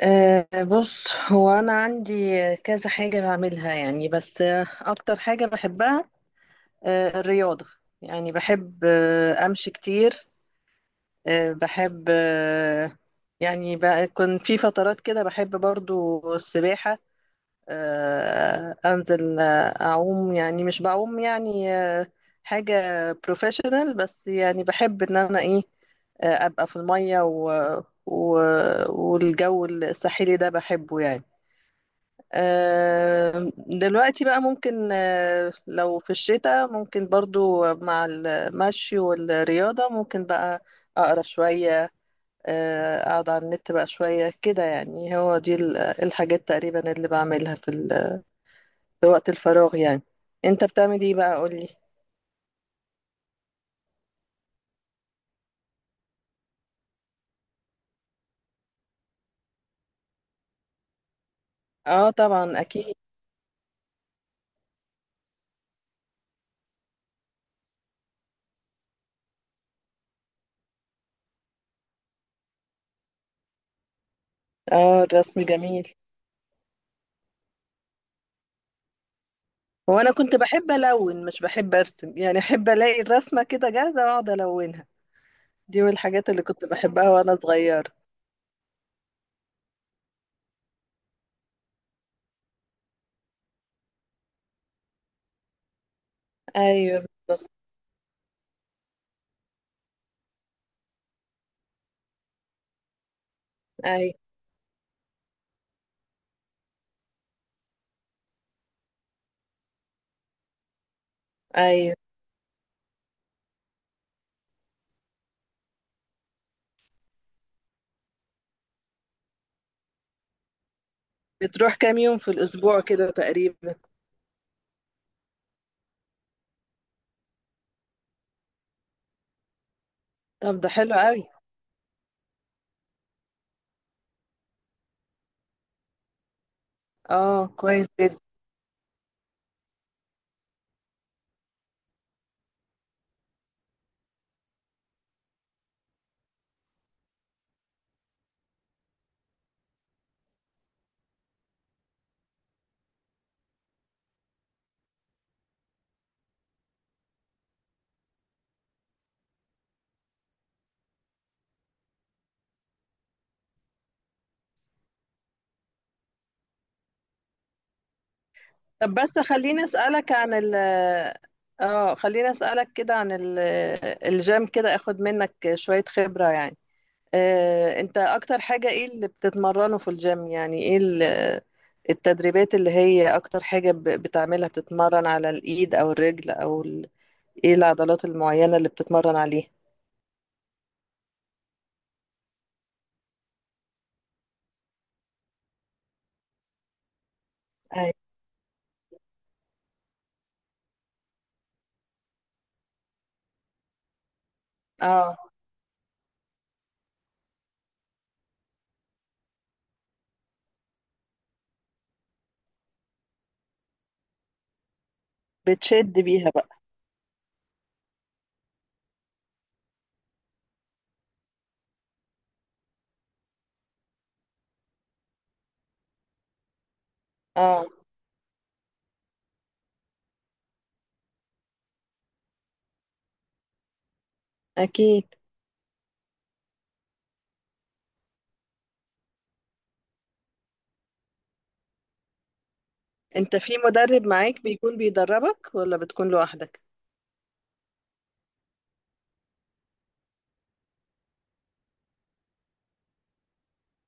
بص، هو أنا عندي كذا حاجة بعملها يعني، بس أكتر حاجة بحبها الرياضة. يعني بحب أمشي كتير. بحب، كنت في فترات كده بحب برضو السباحة. أنزل، أعوم، يعني مش بعوم يعني حاجة بروفيشنال. بس يعني بحب إن أنا إيه، أبقى في المية، و... والجو الساحلي ده بحبه يعني. دلوقتي بقى ممكن، لو في الشتاء، ممكن برضو مع المشي والرياضة ممكن بقى أقرأ شوية، أقعد على النت بقى شوية كده. يعني هو دي الحاجات تقريبا اللي بعملها في وقت الفراغ يعني. أنت بتعمل إيه بقى، قولي؟ اه، طبعا أكيد. اه، الرسم جميل. هو أنا كنت بحب ألون، مش بحب أرسم، يعني أحب ألاقي الرسمة كده جاهزة وأقعد ألونها. دي من الحاجات اللي كنت بحبها وأنا صغيرة. ايوه. ايوه. ايوه. بتروح كام يوم في الاسبوع كده تقريبا؟ طب ده حلو قوي. اه، كويس جدا. طب بس خليني اسالك كده عن الجيم كده، اخد منك شويه خبره يعني. انت اكتر حاجه ايه اللي بتتمرنه في الجيم؟ يعني ايه التدريبات اللي هي اكتر حاجه بتعملها؟ بتتمرن على الايد او الرجل ايه العضلات المعينه اللي بتتمرن عليها؟ ايوه. اه، بتشد بيها بقى. اه، أكيد. أنت في مدرب معاك بيكون بيدربك، ولا بتكون لوحدك؟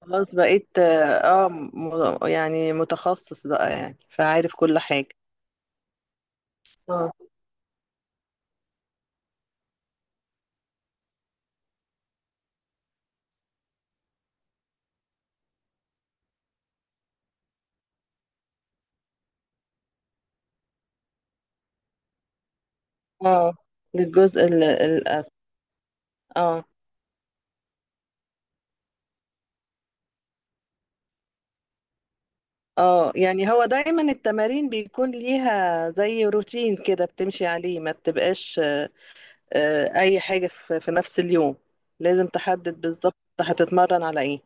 خلاص، بقيت يعني متخصص بقى، يعني فعارف كل حاجة. اه. اه، للجزء الأسفل. اه. اه، يعني هو دايما التمارين بيكون ليها زي روتين كده بتمشي عليه، ما بتبقاش أي حاجة في نفس اليوم. لازم تحدد بالظبط هتتمرن على ايه.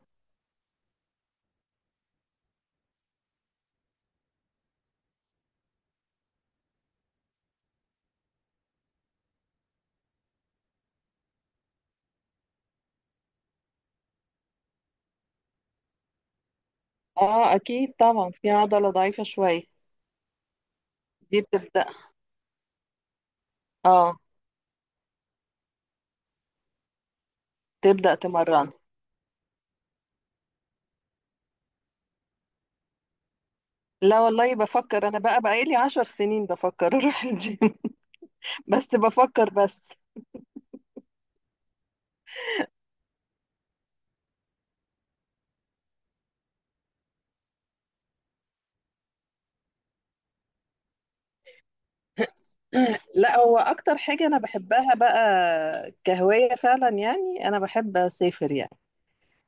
اه، اكيد طبعا في عضلة ضعيفة شوية. دي بتبدأ. اه، تبدأ تمرن. لا والله، بفكر انا بقى لي 10 سنين بفكر اروح الجيم. بس بفكر بس. لا، هو اكتر حاجة انا بحبها بقى كهواية فعلا، يعني انا بحب اسافر يعني.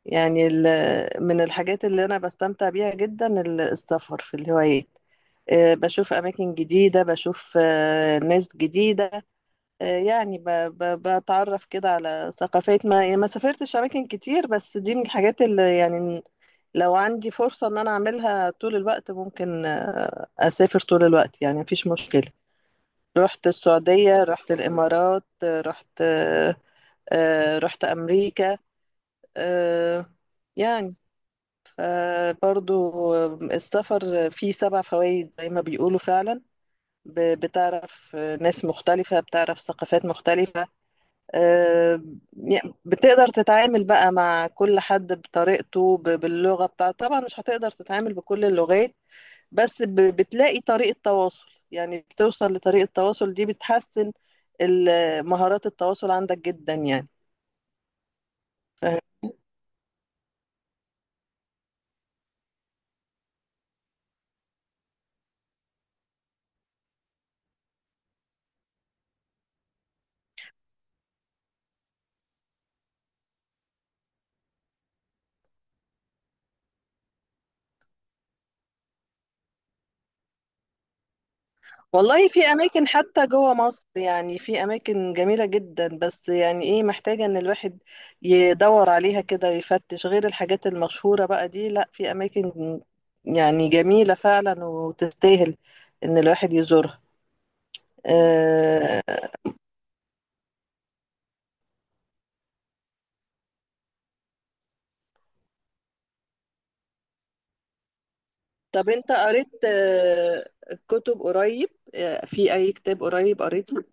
يعني من الحاجات اللي انا بستمتع بيها جدا السفر، في الهوايات. بشوف اماكن جديدة، بشوف ناس جديدة، يعني بتعرف كده على ثقافات. ما يعني ما سافرتش اماكن كتير، بس دي من الحاجات اللي يعني لو عندي فرصة ان انا اعملها طول الوقت، ممكن اسافر طول الوقت يعني، مفيش مشكلة. رحت السعودية، رحت الامارات، رحت امريكا. آه، يعني ف- برضو السفر فيه 7 فوائد زي ما بيقولوا فعلا. بتعرف ناس مختلفة، بتعرف ثقافات مختلفة. آه، يعني بتقدر تتعامل بقى مع كل حد بطريقته، باللغة بتاعته. طبعا مش هتقدر تتعامل بكل اللغات، بس بتلاقي طريقة تواصل، يعني بتوصل لطريقة تواصل، دي بتحسن مهارات التواصل عندك جدا يعني. فاهم؟ والله، في أماكن حتى جوه مصر يعني، في أماكن جميلة جدا، بس يعني إيه، محتاجة إن الواحد يدور عليها كده ويفتش غير الحاجات المشهورة بقى دي. لا، في أماكن يعني جميلة فعلا، وتستاهل إن الواحد يزورها. آه، طب انت قريت كتب قريب؟ في اي كتاب قريب قريته؟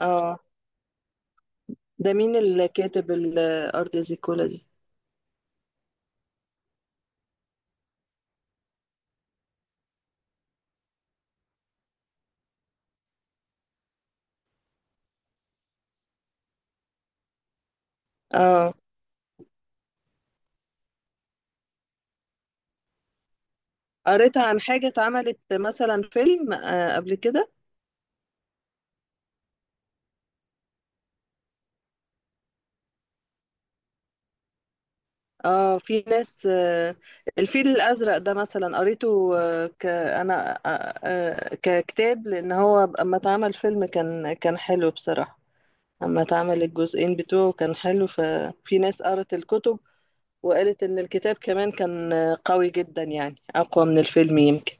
اه. ده مين اللي كاتب الارض زي كولا دي؟ اه، قريت عن حاجة اتعملت مثلا فيلم قبل كده؟ اه، في ناس. الفيل الازرق ده مثلا قريته، آه، ك انا، ككتاب، لان هو اما اتعمل فيلم كان حلو بصراحة. اما اتعمل الجزئين بتوعه كان حلو، ففي ناس قرت الكتب وقالت إن الكتاب كمان كان قوي جدا، يعني أقوى من الفيلم يمكن.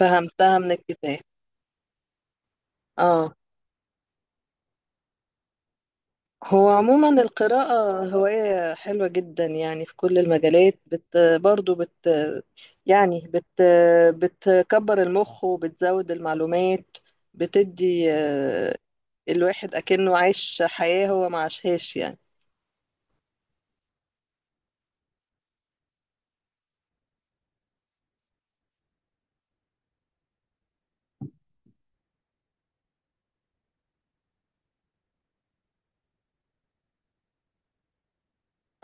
فهمتها من الكتاب. اه. هو عموما القراءة هواية حلوة جدا، يعني في كل المجالات برضو يعني بتكبر المخ وبتزود المعلومات، بتدي الواحد أكنه عايش حياة هو ما عاشهاش يعني.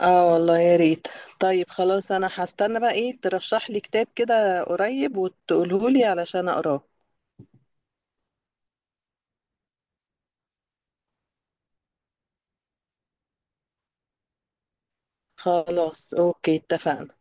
اه، والله يا ريت. طيب خلاص، انا هستنى بقى ايه ترشح لي كتاب كده قريب وتقوله لي علشان اقراه. خلاص، اوكي، اتفقنا.